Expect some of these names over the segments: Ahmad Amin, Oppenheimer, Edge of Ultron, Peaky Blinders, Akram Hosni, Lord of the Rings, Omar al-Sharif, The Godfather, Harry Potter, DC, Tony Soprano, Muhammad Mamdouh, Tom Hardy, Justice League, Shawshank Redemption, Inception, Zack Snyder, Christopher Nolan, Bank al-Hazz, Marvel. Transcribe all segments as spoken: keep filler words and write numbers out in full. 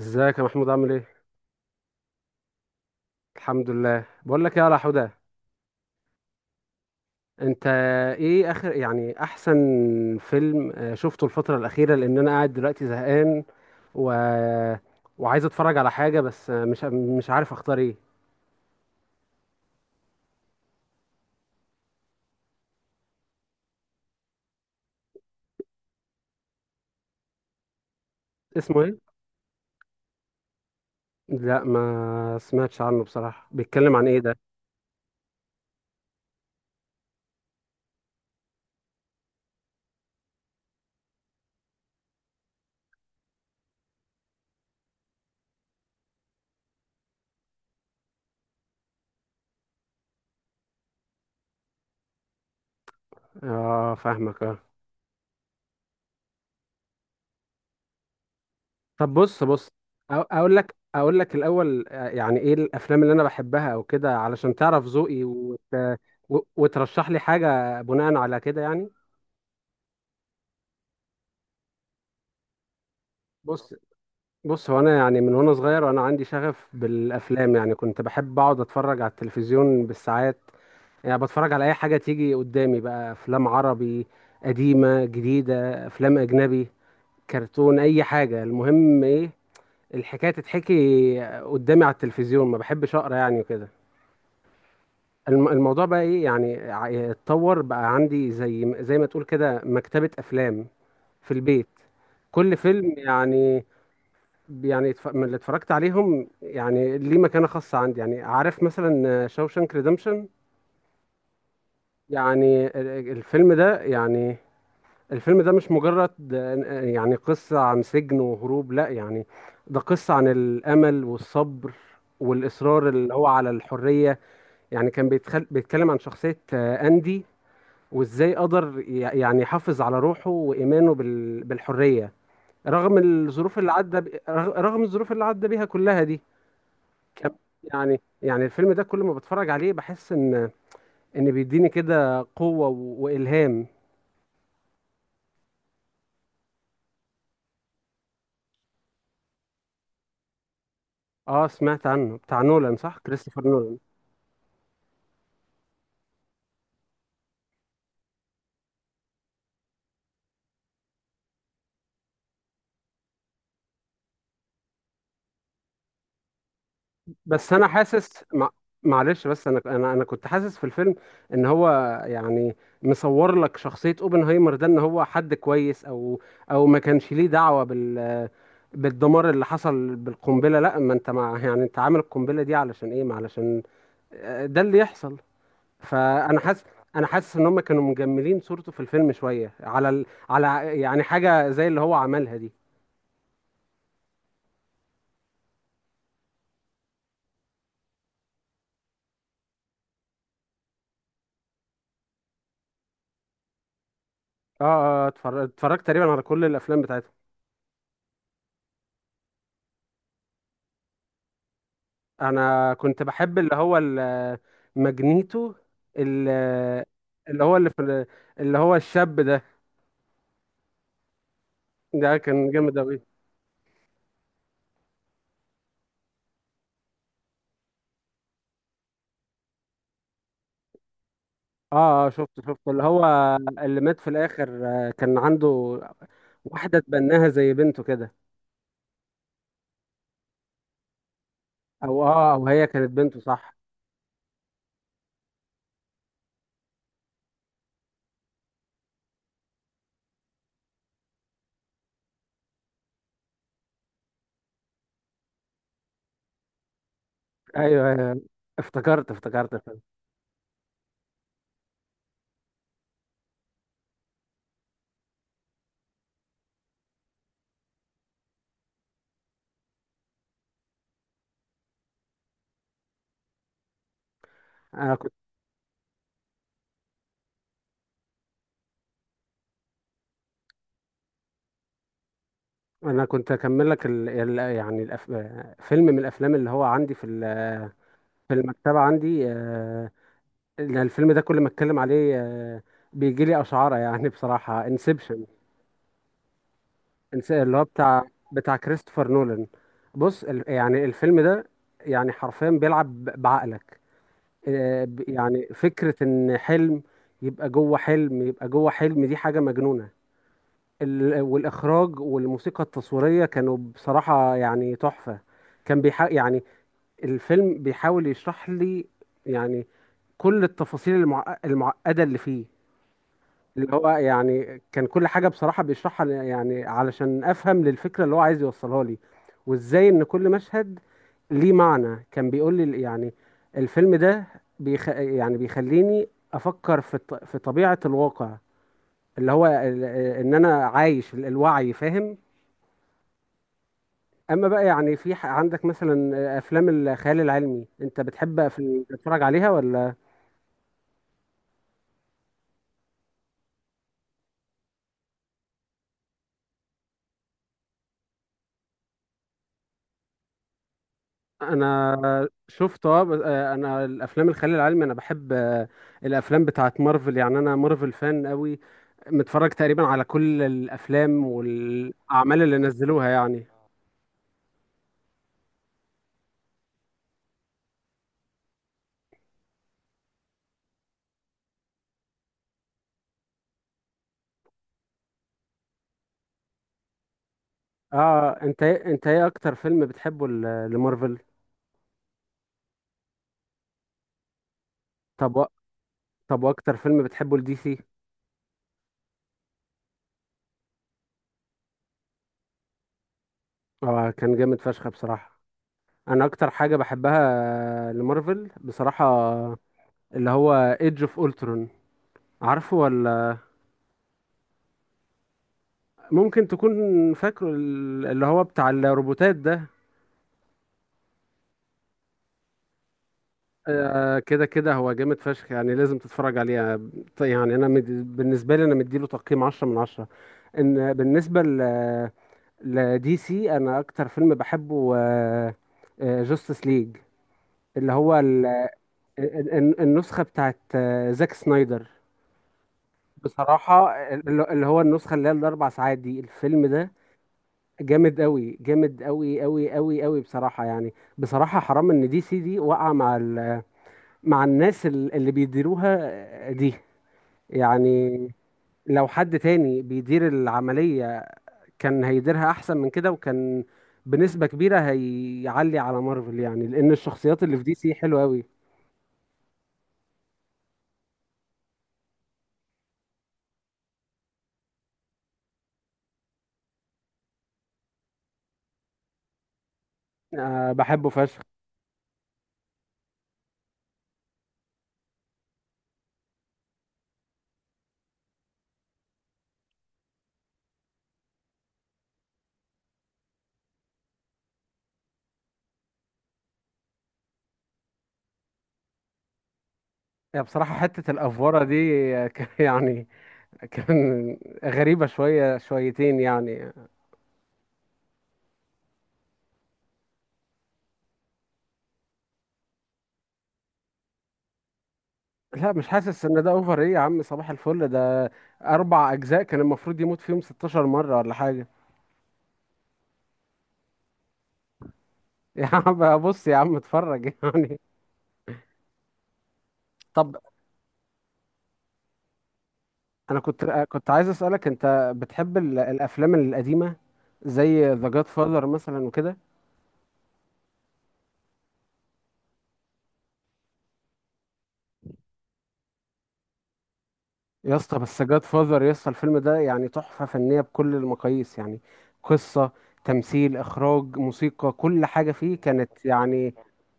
ازيك يا محمود؟ عامل ايه؟ الحمد لله. بقول لك ايه يا حودة، انت ايه اخر يعني احسن فيلم آه، شفته الفترة الأخيرة؟ لان انا قاعد دلوقتي زهقان و... وعايز اتفرج على حاجة، بس آه، مش مش عارف اختار ايه. اسمه ايه؟ لا، ما سمعتش عنه بصراحة. بيتكلم عن ايه ده؟ اه فاهمك، اه. طب بص بص أو- اقول لك اقول لك الاول آه، يعني ايه الافلام اللي انا بحبها او كده، علشان تعرف ذوقي وت... و- وترشح لي حاجة بناء على كده، يعني. بص بص، هو انا يعني من وانا صغير انا عندي شغف بالافلام. يعني كنت بحب اقعد اتفرج على التلفزيون بالساعات، يعني بتفرج على اي حاجه تيجي قدامي. بقى افلام عربي قديمه جديده، افلام اجنبي، كرتون، اي حاجه. المهم ايه؟ الحكايه تتحكي قدامي على التلفزيون. ما بحبش اقرا يعني وكده. الم- الموضوع بقى ايه يعني، ع- اتطور بقى عندي زي زي ما تقول كده مكتبه افلام في البيت. كل فيلم يعني، يعني اتف- من اللي اتفرجت عليهم يعني ليه مكانة خاصة عندي، يعني عارف مثلا شاوشانك ريدمشن. يعني ال- الفيلم ده يعني، الفيلم ده مش مجرد آه، يعني قصة عن سجن وهروب، لا يعني. ده قصة عن الأمل والصبر والإصرار اللي هو على الحرية. يعني كان بيتخل... بيتكلم عن شخصية آه، أندي، وإزاي قدر ي- يعني يحافظ على روحه وإيمانه بال... بالحرية، رغم الظروف اللي عدى ب... رغ- رغم الظروف اللي عدى بيها كلها دي. كم- يعني، يعني الفيلم ده كل ما بتفرج عليه بحس ان ان بيديني كده قوة و- والهام. اه سمعت عنه، بتاع نولان، صح؟ كريستوفر نولان. بس انا حاسس مع... معلش، بس انا انا انا كنت حاسس في الفيلم ان هو يعني مصور لك شخصية اوبنهايمر ده ان هو حد كويس، او او ما كانش ليه دعوة بال بالدمار اللي حصل بالقنبلة. لا، ما انت مع يعني، انت عامل القنبلة دي علشان ايه؟ ما علشان آه، ده اللي يحصل. فانا حاسس، انا حاسس ان هم كانوا مجملين صورته في الفيلم شويه على ال... على يعني حاجه زي اللي هو عملها دي. اه اه اتفر- اتفرجت تقريبا على كل الافلام بتاعته. انا كنت بحب اللي هو ال- ماجنيتو، ال- اللي هو اللي في ال- اللي هو الشاب ده، ده كان جامد اوي. اه اه شفته شفته اللي هو، اللي مات في الاخر آه، كان عنده واحده تبناها زي بنته كده. او اه او هي كانت بنته، صح. ايوه، ايوه، أيوه. افتكرت افتكرت الفيلم. انا انا كنت اكمل لك ال... ال- يعني الأف... فيلم من الافلام اللي هو عندي في ال... في المكتبه عندي. آه، إن الفيلم ده كل ما اتكلم عليه آه، بيجي لي اشعاره. يعني بصراحه انسبشن، اللي هو بتاع بتاع كريستوفر نولان. بص ال... يعني الفيلم ده يعني حرفيا بيلعب ب- بعقلك. آه، ب- يعني فكره ان حلم يبقى جوه حلم يبقى جوه حلم، دي حاجه مجنونه. ال... والاخراج والموسيقى التصويريه كانوا بصراحه يعني تحفه. كان بيحق يعني، الفيلم بيحاول يشرح لي يعني كل التفاصيل المعق- المعقدة اللي فيه، اللي هو يعني كان كل حاجة بصراحة بيشرحها ل- يعني علشان أفهم للفكرة اللي هو عايز يوصلها لي، وإزاي إن كل مشهد ليه معنى. كان بيقول لي يعني الفيلم ده بيخ يعني بيخليني أفكر في الط- في طبيعة الواقع، اللي هو ال- إن أنا عايش ال- الوعي، فاهم. أما بقى يعني في ح- عندك مثلا أفلام الخيال العلمي، أنت بتحب أفل- تتفرج عليها ولا؟ انا شفت، اه، بس- آه، انا الافلام الخيال العلمي انا بحب آه، الافلام بتاعت مارفل. يعني انا مارفل فان قوي، متفرج تقريبا على كل الافلام والاعمال اللي نزلوها يعني. اه انت إيه- انت ايه اكتر فيلم بتحبه ل- لمارفل؟ طب و... طب واكتر فيلم بتحبه لدي سي؟ اه كان جامد فشخ بصراحة. انا اكتر حاجة بحبها آه، لمارفل بصراحة آه، اللي هو ايدج اوف اولترون، عارفه ولا؟ ممكن تكون فاكره ال- اللي هو بتاع الروبوتات ده. آه، كده كده، هو جامد فشخ يعني لازم تتفرج عليه. ط- يعني انا مد- بالنسبه لي انا مديله تقييم عشرة من عشرة. ان بالنسبه ل لدي سي، انا اكتر فيلم بحبه جاستس ليج، اللي هو ال- ال- ال- النسخه بتاعت آه، زاك سنايدر. بصراحه ال- اللي هو النسخه اللي هي الاربع ساعات دي، الفيلم ده جامد قوي، جامد قوي قوي قوي قوي بصراحة. يعني بصراحة حرام ان دي سي دي وقع مع ال... مع الناس ال- اللي بيديروها دي، يعني. لو حد تاني بيدير العملية كان هيديرها احسن من كده، وكان بنسبة كبيرة هيعلي على مارفل، يعني لان الشخصيات اللي في دي سي حلوة قوي. أه بحبه فشخ. يعني بصراحة حتة الأفورة دي يعني كان غريبة شوية شويتين يعني. لا مش حاسس ان ده اوفر. ايه يا عم صباح الفل ده؟ اربع اجزاء كان المفروض يموت فيهم ستاشر مرة ولا حاجة. يا عم بص يا عم اتفرج يعني. طب انا كنت كنت عايز اسألك، انت بتحب ال- الافلام القديمة زي ذا جاد فاذر مثلا وكده؟ يا اسطى، بس جاد فازر يا اسطى، الفيلم ده يعني تحفة فنية بكل المقاييس يعني. قصة، تمثيل، إخراج، موسيقى، كل حاجة فيه كانت يعني،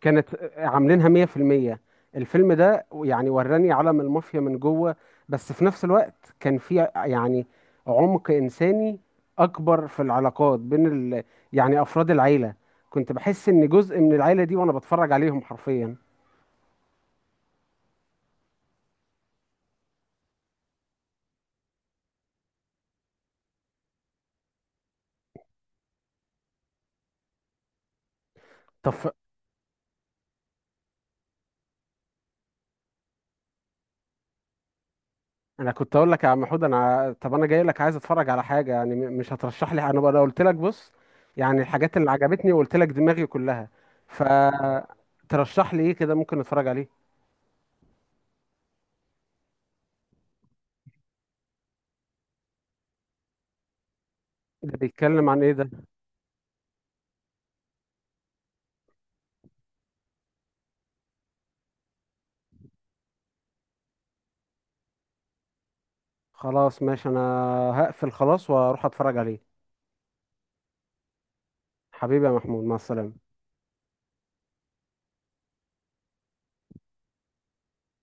كانت عاملينها مية في المية. الفيلم ده يعني وراني عالم المافيا من جوه، بس في نفس الوقت كان فيه يعني عمق إنساني أكبر في العلاقات بين ال يعني أفراد العيلة. كنت بحس إن جزء من العيلة دي وأنا بتفرج عليهم حرفيا. طب انا كنت اقول لك يا عم حود، انا طب انا جاي لك عايز اتفرج على حاجه، يعني م- مش هترشح لي حاجة؟ انا بقى أنا قلت لك بص يعني الحاجات اللي عجبتني، وقلت لك دماغي كلها، فترشح لي ايه كده ممكن اتفرج عليه؟ ده بيتكلم عن ايه ده؟ خلاص ماشي، انا هقفل خلاص واروح اتفرج عليه. حبيبي يا محمود، مع السلامه.